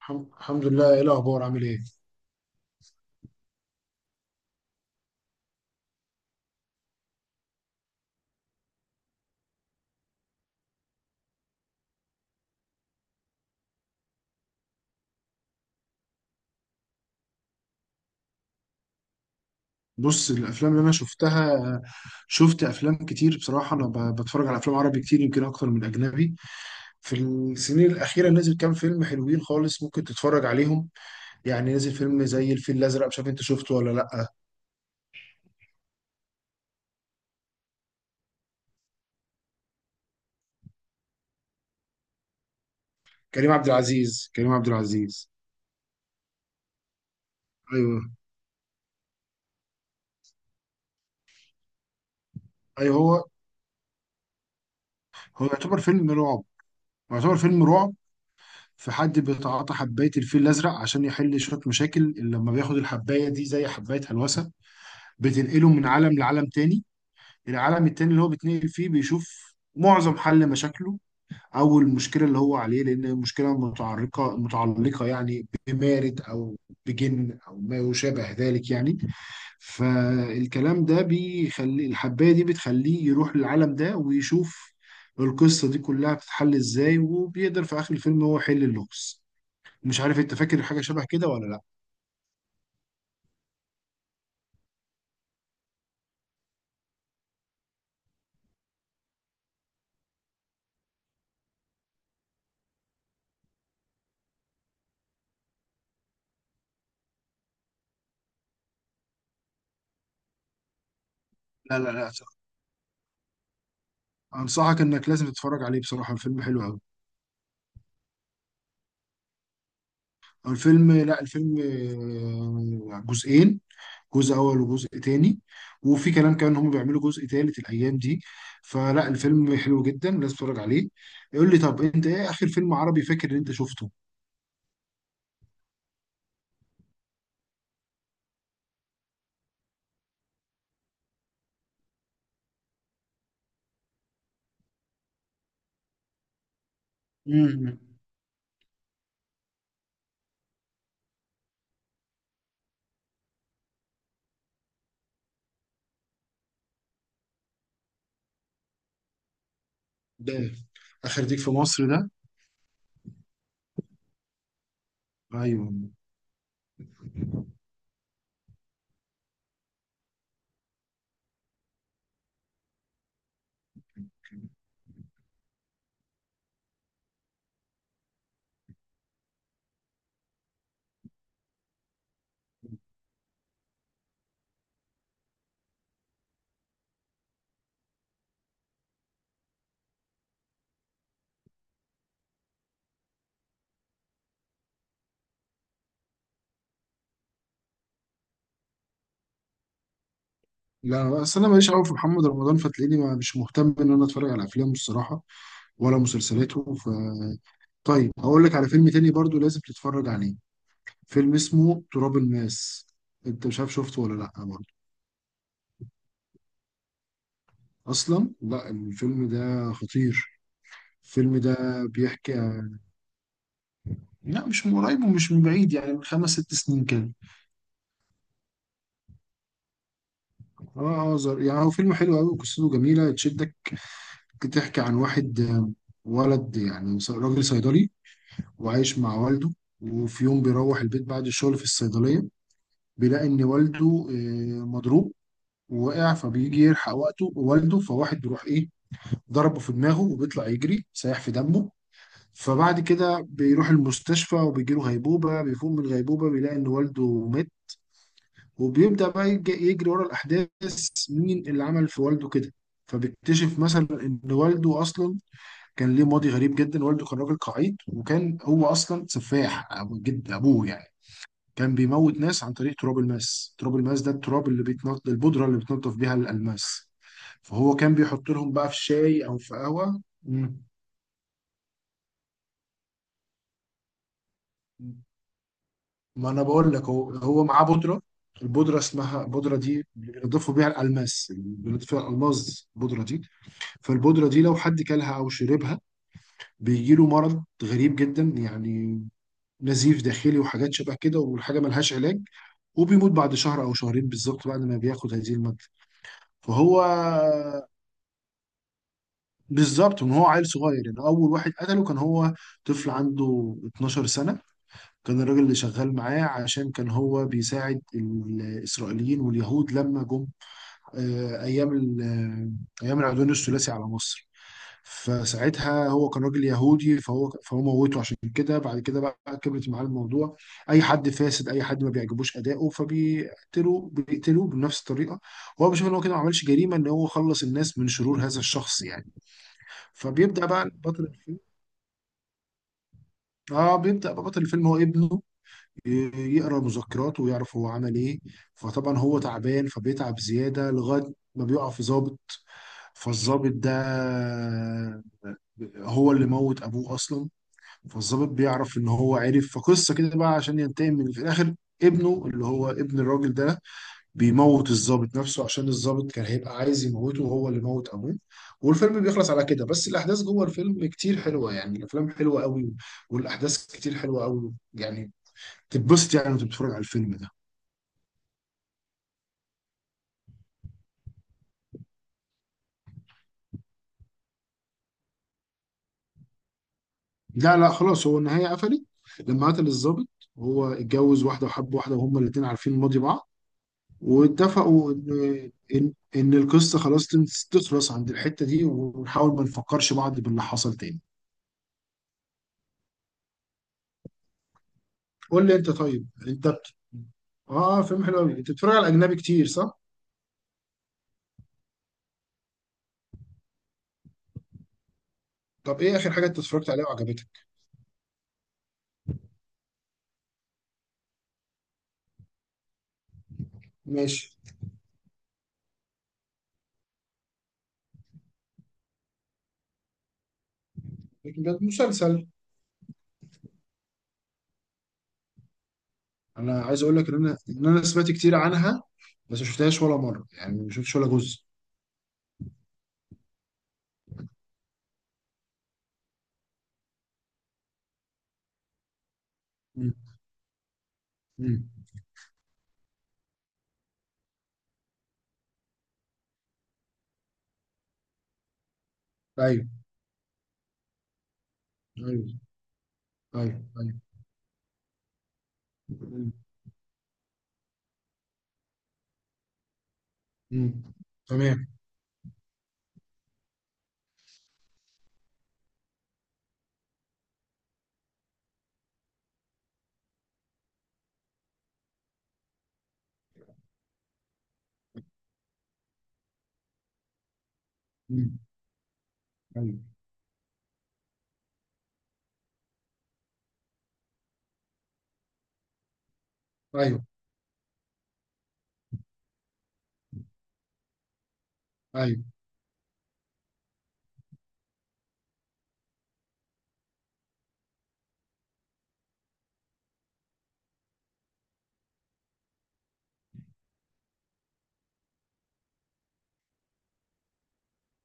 الحمد لله، ايه الاخبار؟ عامل ايه؟ بص، الافلام اللي انا شفتها، شفت افلام كتير بصراحه. انا بتفرج على افلام عربي كتير، يمكن اكتر من اجنبي. في السنين الاخيره نزل كام فيلم حلوين خالص، ممكن تتفرج عليهم. يعني نزل فيلم زي الفيل الازرق، مش عارف انت شفته ولا لا. كريم عبد العزيز. ايوه، ايوه، هو. يعتبر فيلم رعب. في حد بيتعاطى حباية الفيل الأزرق عشان يحل شوية مشاكل. لما بياخد الحباية دي، زي حباية هلوسة، بتنقله من عالم لعالم تاني. العالم التاني اللي هو بيتنقل فيه بيشوف معظم حل مشاكله، او المشكله اللي هو عليه، لان المشكله متعلقه يعني بمارد او بجن او ما يشابه ذلك يعني. فالكلام ده بيخلي الحبايه دي بتخليه يروح للعالم ده ويشوف القصه دي كلها بتتحل ازاي، وبيقدر في اخر الفيلم هو يحل اللغز. مش عارف انت فاكر حاجه شبه كده ولا لا. لا، لا، لا، انصحك انك لازم تتفرج عليه، بصراحه الفيلم حلو قوي. الفيلم، لا، الفيلم، جزئين. جزء اول وجزء تاني. وفي كلام كمان ان هم بيعملوا جزء تالت الايام دي. فلا، الفيلم حلو جدا، لازم تتفرج عليه. يقول لي طب انت ايه اخر فيلم عربي فاكر ان انت شفته؟ امم، ده اخر ديك في مصر ده؟ ايوه. لا، اصل انا ماليش قوي في محمد رمضان، فتلاقيني مش مهتم ان انا اتفرج على افلامه الصراحه، ولا مسلسلاته. ف طيب هقول لك على فيلم تاني برضو لازم تتفرج عليه. فيلم اسمه تراب الماس، انت مش عارف، شفته ولا لا برضه؟ اصلا لا، الفيلم ده خطير. الفيلم ده بيحكي، لا مش من قريب ومش من بعيد، يعني من خمس ست سنين كده. اه، اه، يعني هو فيلم حلو قوي، قصته جميله تشدك. بتحكي عن واحد، ولد، يعني راجل صيدلي، وعايش مع والده. وفي يوم بيروح البيت بعد الشغل في الصيدليه، بيلاقي ان والده مضروب ووقع. فبيجي يلحق وقته والده، فواحد بيروح ايه، ضربه في دماغه وبيطلع يجري سايح في دمه. فبعد كده بيروح المستشفى وبيجيله غيبوبة. بيفوق من الغيبوبة بيلاقي إن والده مات. وبيبدأ بقى يجري ورا الأحداث، مين اللي عمل في والده كده. فبيكتشف مثلا إن والده أصلا كان ليه ماضي غريب جدا، والده كان راجل قعيد وكان هو أصلا سفاح. أبو جد أبوه يعني كان بيموت ناس عن طريق تراب الماس. تراب الماس ده التراب اللي بيتنض، البودرة اللي بتنضف بيها الألماس. فهو كان بيحط لهم بقى في شاي أو في قهوة. ما انا بقول لك، هو معاه بودره. البودره اسمها، البودره دي بينضفوا بيها الالماس، بينضيف فيها الالماس البودره دي. فالبودره دي لو حد كلها او شربها، بيجي له مرض غريب جدا يعني، نزيف داخلي وحاجات شبه كده، والحاجه ملهاش علاج. وبيموت بعد شهر او شهرين بالظبط بعد ما بياخد هذه الماده. فهو بالظبط من هو عيل صغير، يعني اول واحد قتله كان هو طفل عنده 12 سنه. كان الراجل اللي شغال معاه، عشان كان هو بيساعد الإسرائيليين واليهود لما جم أيام أيام العدوان الثلاثي على مصر. فساعتها هو كان راجل يهودي، فهو موته. عشان كده بعد كده بقى كبرت معاه الموضوع، أي حد فاسد، أي حد ما بيعجبوش أداؤه فبيقتلوه، بيقتلوه بنفس الطريقة. هو بيشوف إن هو كده ما عملش جريمة، إن هو خلص الناس من شرور هذا الشخص يعني. فبيبدأ بقى بطل الفيلم، اه بيبدأ بقى بطل الفيلم هو ابنه، يقرا مذكراته ويعرف هو عمل ايه. فطبعا هو تعبان، فبيتعب زياده لغايه ما بيقع في ضابط. فالضابط ده هو اللي موت ابوه اصلا. فالضابط بيعرف ان هو عرف فقصه كده بقى، عشان ينتقم من في الاخر ابنه اللي هو ابن الراجل ده، بيموت الضابط نفسه، عشان الضابط كان هيبقى عايز يموته وهو اللي موت ابوه. والفيلم بيخلص على كده. بس الاحداث جوه الفيلم كتير حلوه يعني، الافلام حلوه قوي، والاحداث كتير حلوه قوي يعني، تتبسط يعني وانت بتتفرج على الفيلم ده. لا، لا، خلاص، هو النهاية قفلت. لما قتل الضابط، هو اتجوز واحدة وحب واحدة، وهما الاتنين عارفين ماضي بعض. واتفقوا إن القصة خلاص تخلص عند الحتة دي، ونحاول ما نفكرش بعض باللي حصل تاني. قول لي أنت. طيب أنت فيلم حلو أوي. أنت بتتفرج على أجنبي كتير صح؟ طب إيه آخر حاجة أنت اتفرجت عليها وعجبتك؟ ماشي. لكن ده مسلسل. أنا عايز أقول لك إن أنا سمعت كتير عنها، بس ما شفتهاش ولا مرة، يعني ما شفتش ولا جزء. مم. مم. أيوه. أيوه. أيوه. مم. مم. تمام. مم. ايوه. ايوه. ايوه.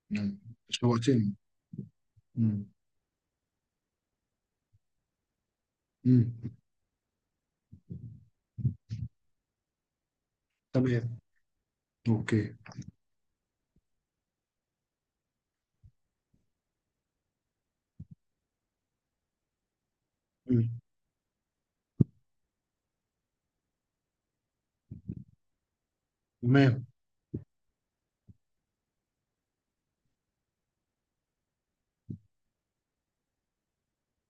مم. شوقتني. مم. مم. تمام. اوكي. مم. تمام.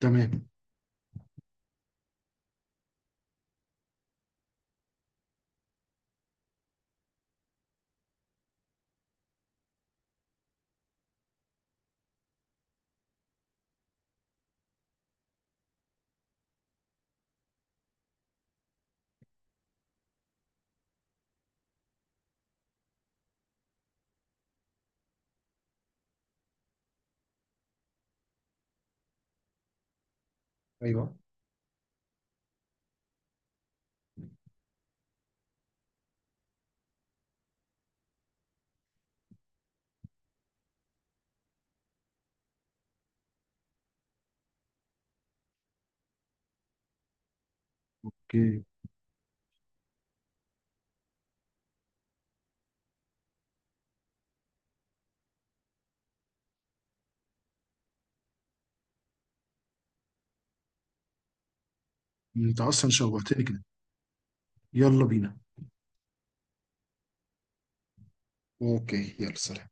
تمام. ايوه. اوكي، انت اصلا شوقتني كده، يلا بينا. اوكي، يلا سلام.